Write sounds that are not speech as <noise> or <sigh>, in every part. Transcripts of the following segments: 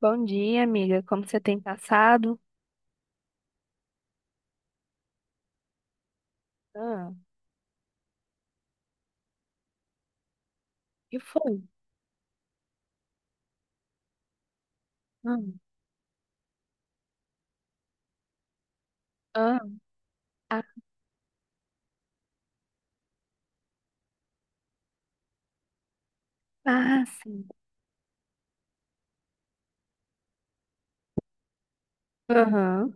Bom dia, amiga. Como você tem passado? Ah, que foi? Ah, ah, sim. Aham.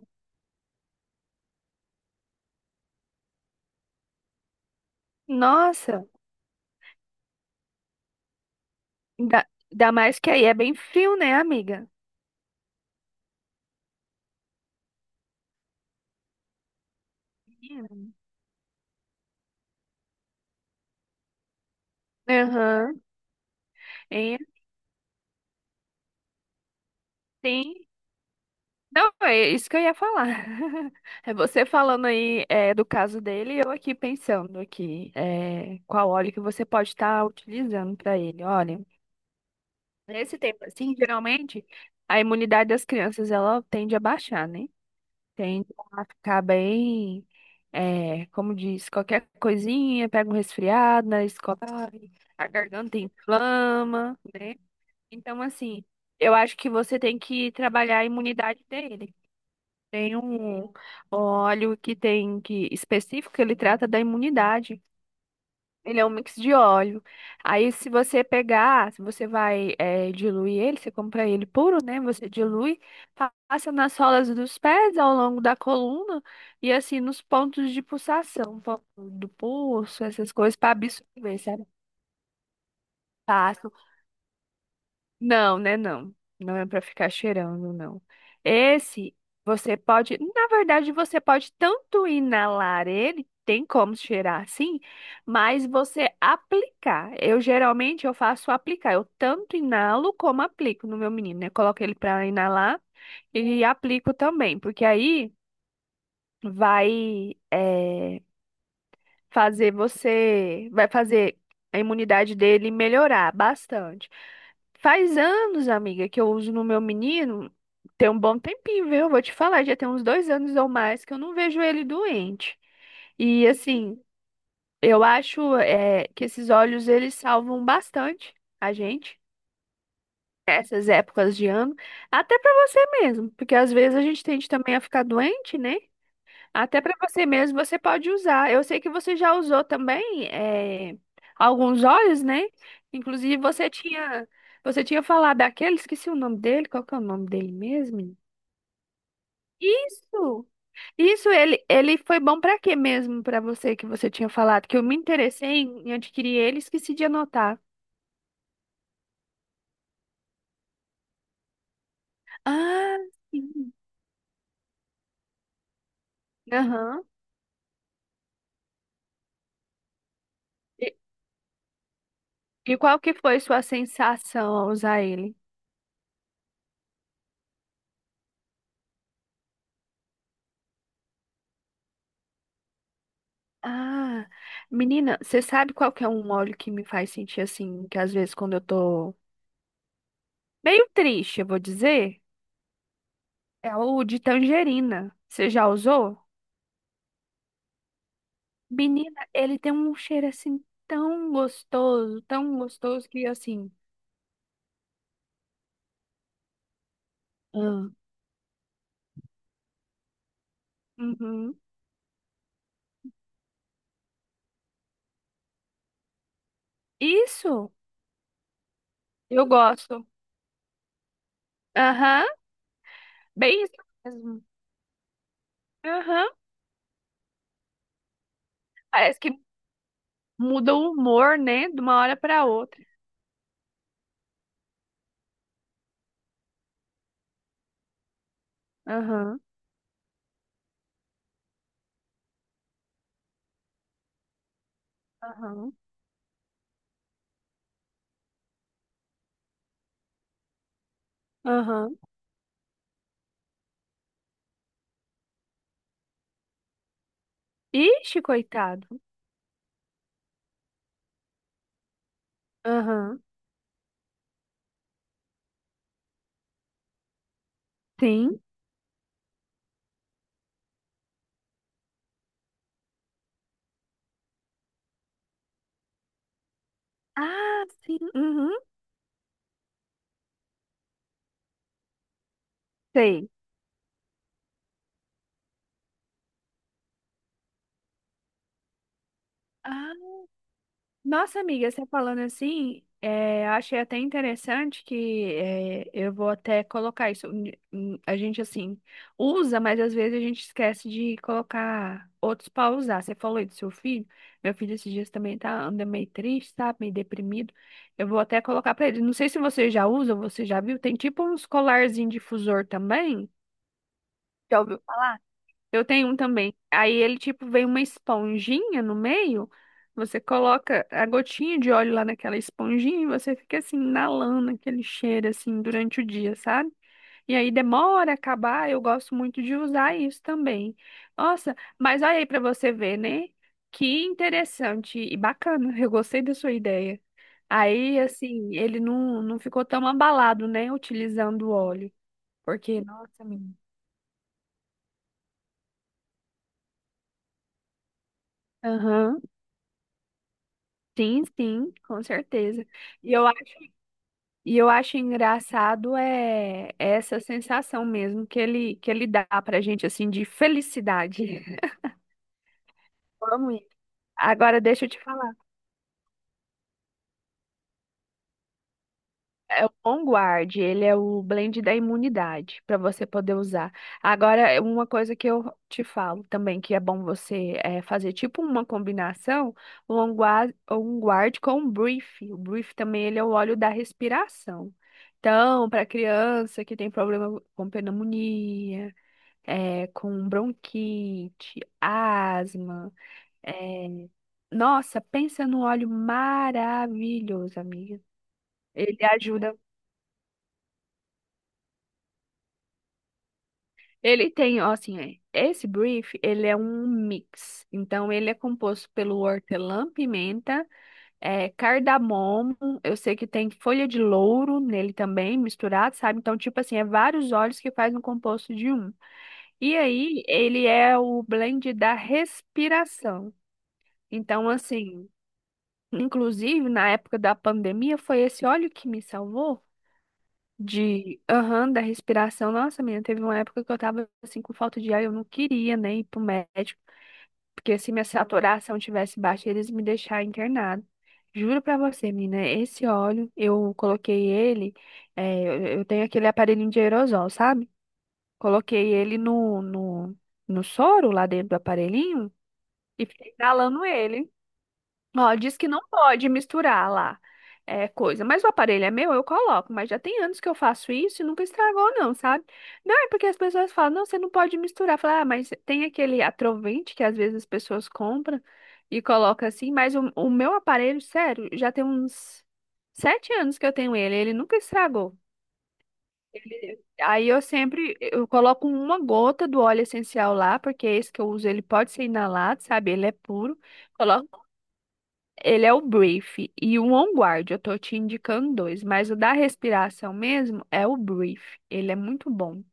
Nossa, ainda mais que aí é bem frio, né, amiga? Sim. Aham. É, sim. Não, é isso que eu ia falar. <laughs> É você falando aí do caso dele, e eu aqui pensando aqui qual óleo que você pode estar utilizando para ele. Olha, nesse tempo assim, geralmente a imunidade das crianças ela tende a baixar, né? Tende a ficar bem, é, como diz, qualquer coisinha, pega um resfriado na escola, a garganta inflama, né? Então, assim, eu acho que você tem que trabalhar a imunidade dele. Tem um óleo que tem que específico que ele trata da imunidade. Ele é um mix de óleo. Aí, se você pegar, se você vai diluir ele, você compra ele puro, né? Você dilui, passa nas solas dos pés ao longo da coluna e assim nos pontos de pulsação, ponto do pulso, essas coisas, para absorver, sabe? Não, né? Não. Não é pra ficar cheirando, não. Esse, você pode. Na verdade, você pode tanto inalar ele, tem como cheirar sim, mas você aplicar. Eu geralmente eu faço aplicar. Eu tanto inalo como aplico no meu menino, né? Coloco ele pra inalar e aplico também, porque aí vai. eh, fazer você, vai fazer a imunidade dele melhorar bastante. Faz anos, amiga, que eu uso no meu menino. Tem um bom tempinho, viu? Eu Vou te falar, já tem uns 2 anos ou mais que eu não vejo ele doente. E assim, eu acho que esses óleos eles salvam bastante a gente nessas épocas de ano, até pra você mesmo, porque às vezes a gente tende também a ficar doente, né? Até para você mesmo você pode usar. Eu sei que você já usou também alguns óleos, né? Inclusive você tinha falado daquele, esqueci o nome dele, qual que é o nome dele mesmo? Isso. Isso ele foi bom para quê mesmo para você que você tinha falado que eu me interessei em, em adquirir ele, e esqueci de anotar. Ah, sim. Aham. E, e qual que foi sua sensação ao usar ele? Ah, menina, você sabe qual que é um óleo que me faz sentir assim, que às vezes quando eu tô meio triste, eu vou dizer, é o de tangerina. Você já usou? Menina, ele tem um cheiro assim tão gostoso que assim. Ah, uhum. Isso, eu gosto. Aham, bem isso mesmo. Aham, parece que muda o humor, né, de uma hora para outra. Aham, aham, aham. Ixi, coitado. Aham. Sim. Ah, sim. Uhum, sei. Ah, nossa, amiga, você falando assim, é, eu achei até interessante que é, eu vou até colocar isso. A gente, assim, usa, mas às vezes a gente esquece de colocar outros para usar. Você falou aí do seu filho. Meu filho esses dias também tá, anda meio triste, sabe? Meio deprimido. Eu vou até colocar para ele. Não sei se você já usa, ou você já viu. Tem tipo uns colarzinho difusor também. Eu tenho um também. Aí ele, tipo, vem uma esponjinha no meio. Você coloca a gotinha de óleo lá naquela esponjinha e você fica assim, inalando aquele cheiro, assim, durante o dia, sabe? E aí demora a acabar. Eu gosto muito de usar isso também. Nossa, mas olha aí pra você ver, né? Que interessante e bacana. Eu gostei da sua ideia. Aí, assim, ele não ficou tão abalado, né? Utilizando o óleo. Porque, nossa, menina. Aham. Sim, sim, com certeza. E eu, a- e eu acho engraçado é essa sensação mesmo que ele dá pra gente assim de felicidade. <laughs> Eu amo isso. Agora deixa eu te falar. É o OnGuard, ele é o blend da imunidade para você poder usar. Agora, é uma coisa que eu te falo também, que é bom você fazer tipo uma combinação, o OnGuard com o Brief. O Brief também ele é o óleo da respiração. Então, para criança que tem problema com pneumonia, com bronquite, asma, eh, nossa, pensa num óleo maravilhoso, amiga. Ele ajuda. Ele tem, ó, assim, é, esse brief, ele é um mix. Então, ele é composto pelo hortelã-pimenta, é, cardamomo, eu sei que tem folha de louro nele também, misturado, sabe? Então, tipo assim, é vários óleos que faz um composto de um. E aí, ele é o blend da respiração. Então, assim, inclusive, na época da pandemia, foi esse óleo que me salvou, de, aham, da respiração. Nossa, menina, teve uma época que eu tava assim com falta de ar, eu não queria nem ir pro médico, porque se minha saturação tivesse baixa, eles me deixar internado. Juro pra você, menina, esse óleo, eu coloquei ele, é, eu tenho aquele aparelhinho de aerosol, sabe? Coloquei ele no soro lá dentro do aparelhinho e fiquei inalando ele. Ó, diz que não pode misturar lá é, coisa, mas o aparelho é meu, eu coloco, mas já tem anos que eu faço isso e nunca estragou não, sabe? Não, é porque as pessoas falam, não, você não pode misturar. Fala, ah, mas tem aquele atrovente que às vezes as pessoas compram e coloca assim, mas o meu aparelho, sério, já tem uns 7 anos que eu tenho ele, ele nunca estragou. Aí eu sempre eu coloco uma gota do óleo essencial lá, porque esse que eu uso ele pode ser inalado, sabe? Ele é puro. Ele é o Brief e o On Guard. Eu tô te indicando dois, mas o da respiração mesmo é o Brief. Ele é muito bom.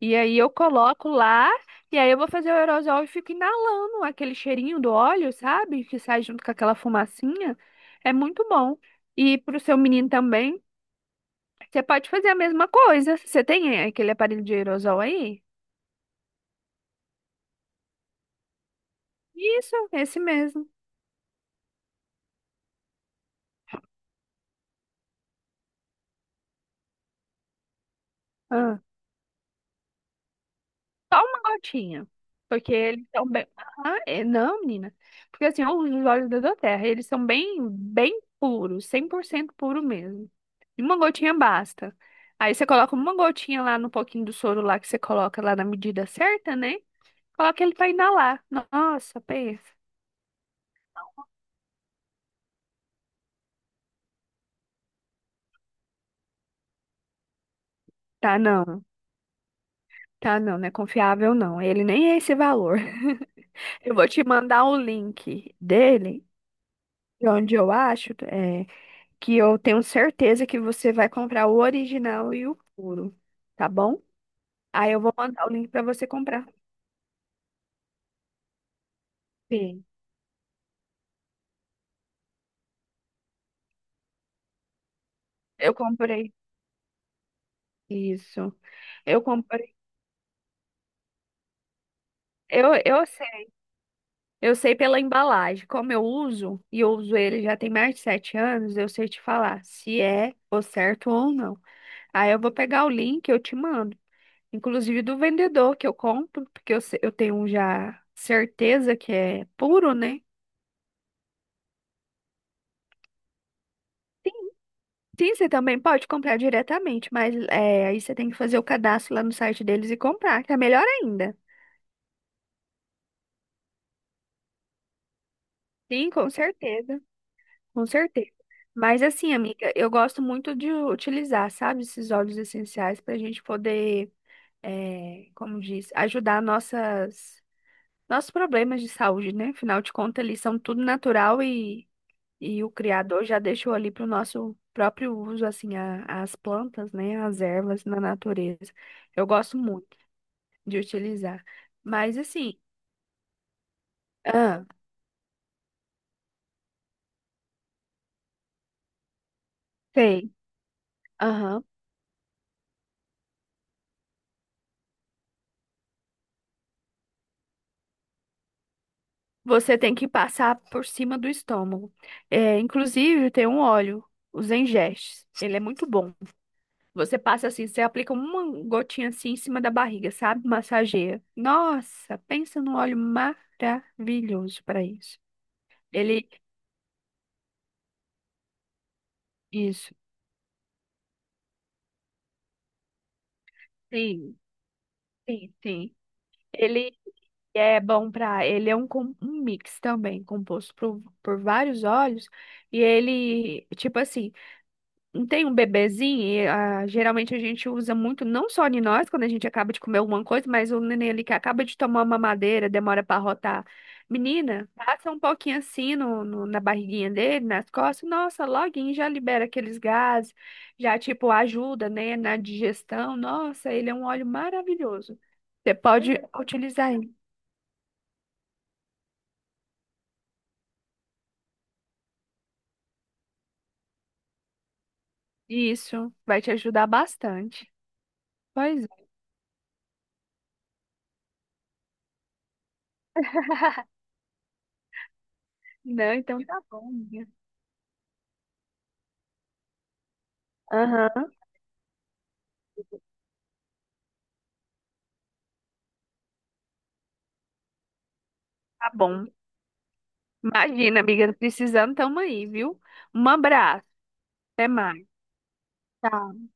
E aí eu coloco lá e aí eu vou fazer o aerosol e fico inalando aquele cheirinho do óleo, sabe? Que sai junto com aquela fumacinha. É muito bom. E pro seu menino também, você pode fazer a mesma coisa. Você tem aquele aparelho de aerosol aí? Isso, esse mesmo. Só uma gotinha. Porque eles são bem. Ah, não, menina. Porque assim, ó, os olhos da Doterra, eles são bem, bem puros, 100% puro mesmo. E uma gotinha basta. Aí você coloca uma gotinha lá no pouquinho do soro lá que você coloca lá na medida certa, né? Coloca ele pra inalar. Nossa, pensa. Tá não. Tá não, não é confiável não. Ele nem é esse valor. <laughs> Eu vou te mandar o link dele, de onde eu acho. É, que eu tenho certeza que você vai comprar o original e o puro, tá bom? Aí eu vou mandar o link para você comprar. Sim. Eu comprei isso. Eu comprei. Eu sei, eu sei pela embalagem. Como eu uso, e eu uso ele já tem mais de 7 anos, eu sei te falar se é o certo ou não. Aí eu vou pegar o link, eu te mando. Inclusive do vendedor que eu compro, porque eu, se- eu tenho já certeza que é puro, né? Sim, você também pode comprar diretamente, mas é, aí você tem que fazer o cadastro lá no site deles e comprar, que é melhor ainda. Sim, com certeza, com certeza. Mas assim, amiga, eu gosto muito de utilizar, sabe, esses óleos essenciais para a gente poder, é, como diz, nossos problemas de saúde, né? Afinal de contas, eles são tudo natural e o Criador já deixou ali para o nosso próprio uso, assim, as plantas, né? As ervas na natureza. Eu gosto muito. De utilizar. Mas assim, ah, tem, aham. Você tem que passar por cima do estômago. É, inclusive, tem um óleo, os Engestes. Ele é muito bom. Você passa assim, você aplica uma gotinha assim em cima da barriga, sabe? Massageia. Nossa, pensa num óleo maravilhoso para isso. Ele, isso. Sim, sim. Ele é bom para, ele é um, um mix também, composto por vários óleos. E ele, tipo assim, não tem um bebezinho, e, ah, geralmente a gente usa muito, não só em nós, quando a gente acaba de comer alguma coisa, mas o neném ali que acaba de tomar uma mamadeira, demora para rotar. Menina, passa um pouquinho assim na barriguinha dele, nas costas, nossa, loguinho já libera aqueles gases, já tipo ajuda, né, na digestão. Nossa, ele é um óleo maravilhoso. Você pode utilizar ele. Isso vai te ajudar bastante. Pois é. <laughs> Não, então tá bom, minha. Aham. Tá bom. Imagina, amiga, precisando, tamo aí, viu? Um abraço, até mais. Tchau.